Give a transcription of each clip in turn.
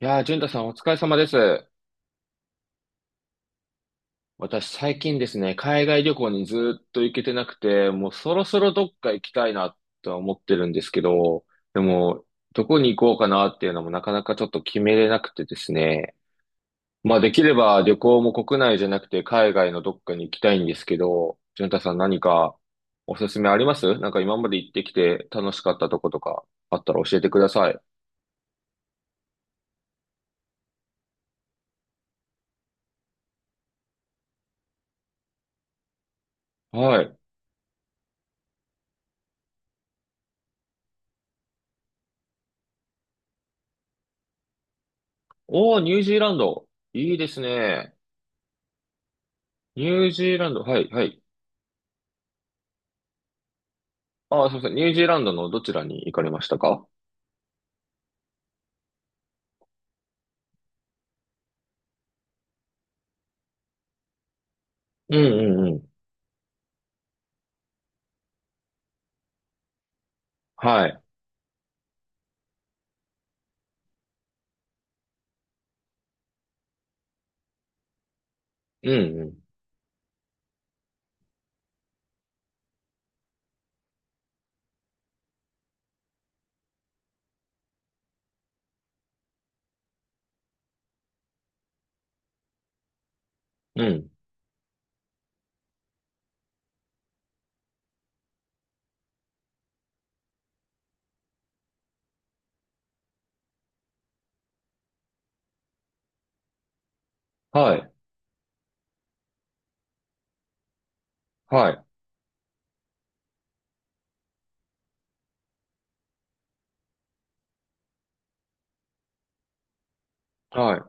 いやー、淳太さんお疲れ様です。私最近ですね、海外旅行にずーっと行けてなくて、もうそろそろどっか行きたいなとは思ってるんですけど、でも、どこに行こうかなっていうのもなかなかちょっと決めれなくてですね。まあできれば旅行も国内じゃなくて海外のどっかに行きたいんですけど、淳太さん何かおすすめありますなんか今まで行ってきて楽しかったとことかあったら教えてください。はい。おー、ニュージーランド。いいですね。ニュージーランド。はい、はい。ああ、そうそう。ニュージーランドのどちらに行かれましたか？うんうんうん。はい。うんうん。うん。はい。はい。は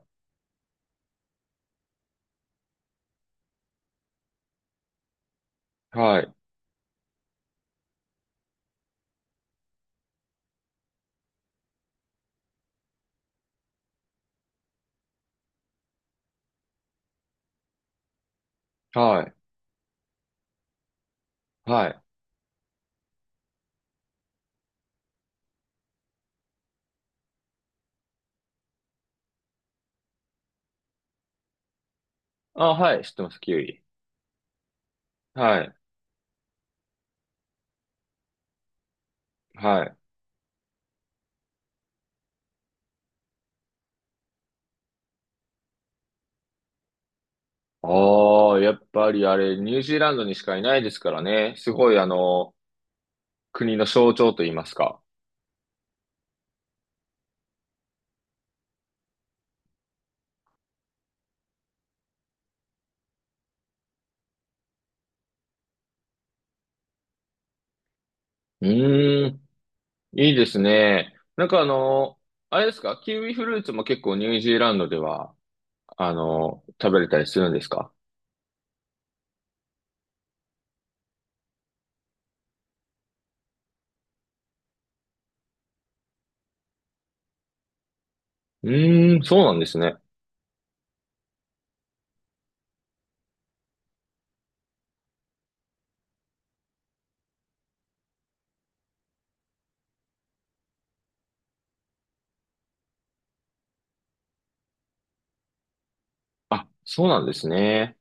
い。はい。はい。はい。あ、はい。知ってます、キウイ。はい。はい。ああ、やっぱりあれ、ニュージーランドにしかいないですからね。すごい、あの、国の象徴と言いますか。うーん。いいですね。なんかあの、あれですか？キウイフルーツも結構ニュージーランドでは、あの、食べれたりするんですか？うーん、そうなんですね。あ、そうなんですね。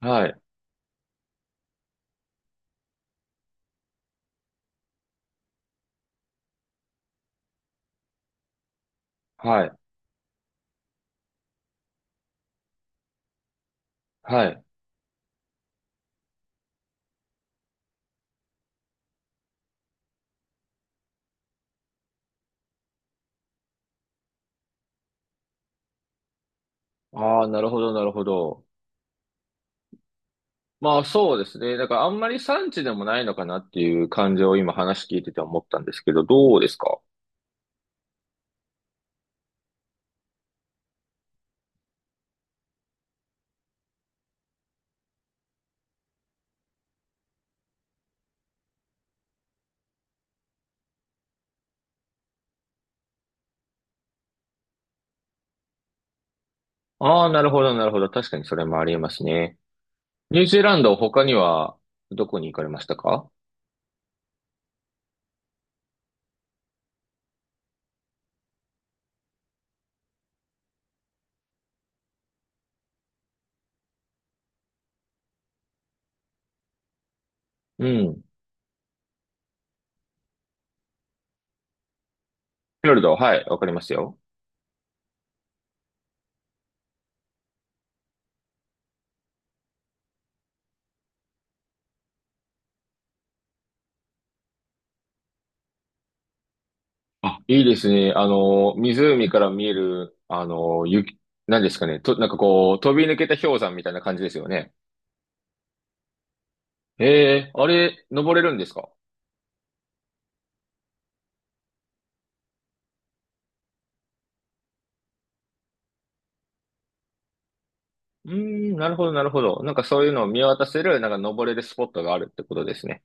はい、はい、はい。ああ、なるほど、なるほど。まあそうですね。だからあんまり産地でもないのかなっていう感じを今話聞いてて思ったんですけど、どうですか？ああー、なるほど、なるほど。確かにそれもありえますね。ニュージーランド、他にはどこに行かれましたか？うん。フィヨルド、はい、わかりますよ。あ、いいですね。あの、湖から見える、あの、雪、何ですかね。と、なんかこう、飛び抜けた氷山みたいな感じですよね。ええ、あれ、登れるんですか？うーん、なるほど、なるほど。なんかそういうのを見渡せる、なんか登れるスポットがあるってことですね。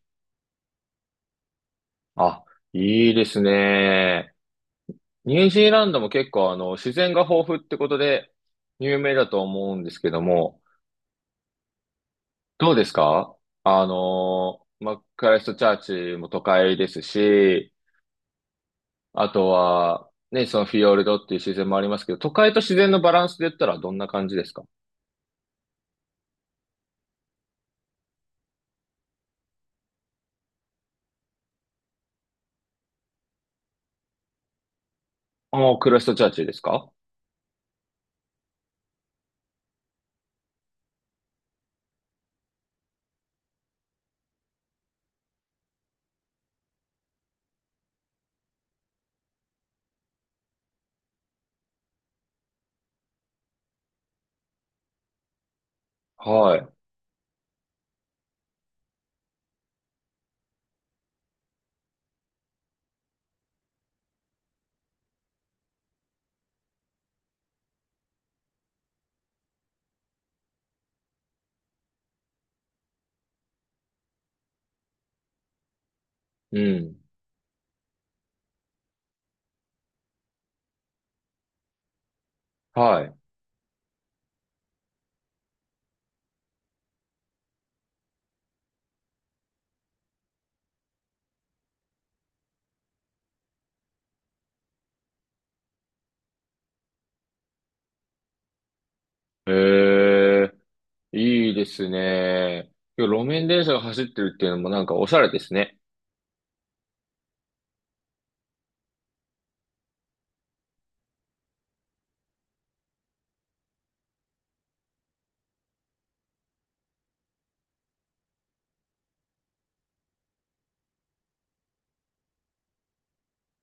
あ、いいですね。ニュージーランドも結構、あの、自然が豊富ってことで、有名だと思うんですけども、どうですか？あの、マックライストチャーチも都会ですし、あとは、ね、そのフィヨルドっていう自然もありますけど、都会と自然のバランスで言ったらどんな感じですか？ああ、クロストチャーチですか？はい。うん。はい。へえ、いいですね。いや路面電車が走ってるっていうのもなんかおしゃれですね。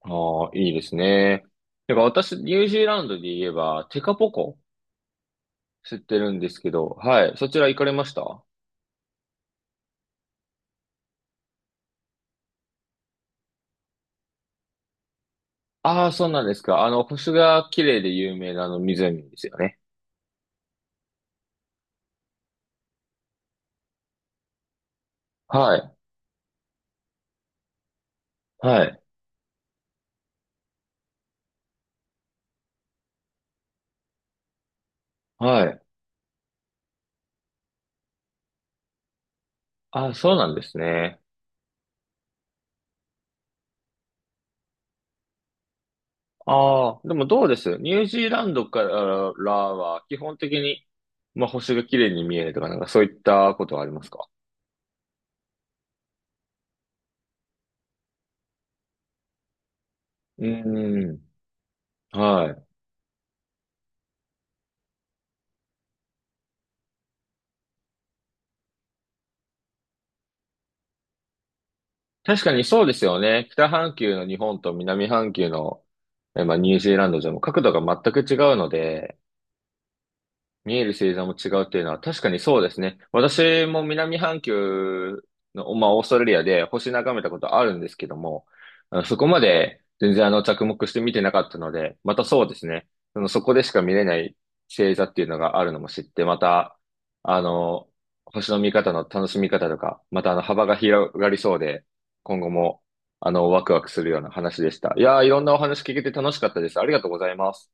ああ、いいですね。だから私、ニュージーランドで言えば、テカポコ知ってるんですけど、はい。そちら行かれました？ああ、そうなんですか。あの、星が綺麗で有名なあの湖ですよね。はい。はい。はい。あ、そうなんですね。ああ、でもどうです？ニュージーランドからは基本的に、まあ、星が綺麗に見えるとか、なんかそういったことはありますか？うーん。はい。確かにそうですよね。北半球の日本と南半球の、えまあ、ニュージーランドじゃもう角度が全く違うので、見える星座も違うっていうのは確かにそうですね。私も南半球の、まあ、オーストラリアで星眺めたことあるんですけども、あのそこまで全然あの着目して見てなかったので、またそうですね。そのそこでしか見れない星座っていうのがあるのも知って、また、あの、星の見方の楽しみ方とか、またあの幅が広がりそうで、今後もあのワクワクするような話でした。いやー、いろんなお話聞けて楽しかったです。ありがとうございます。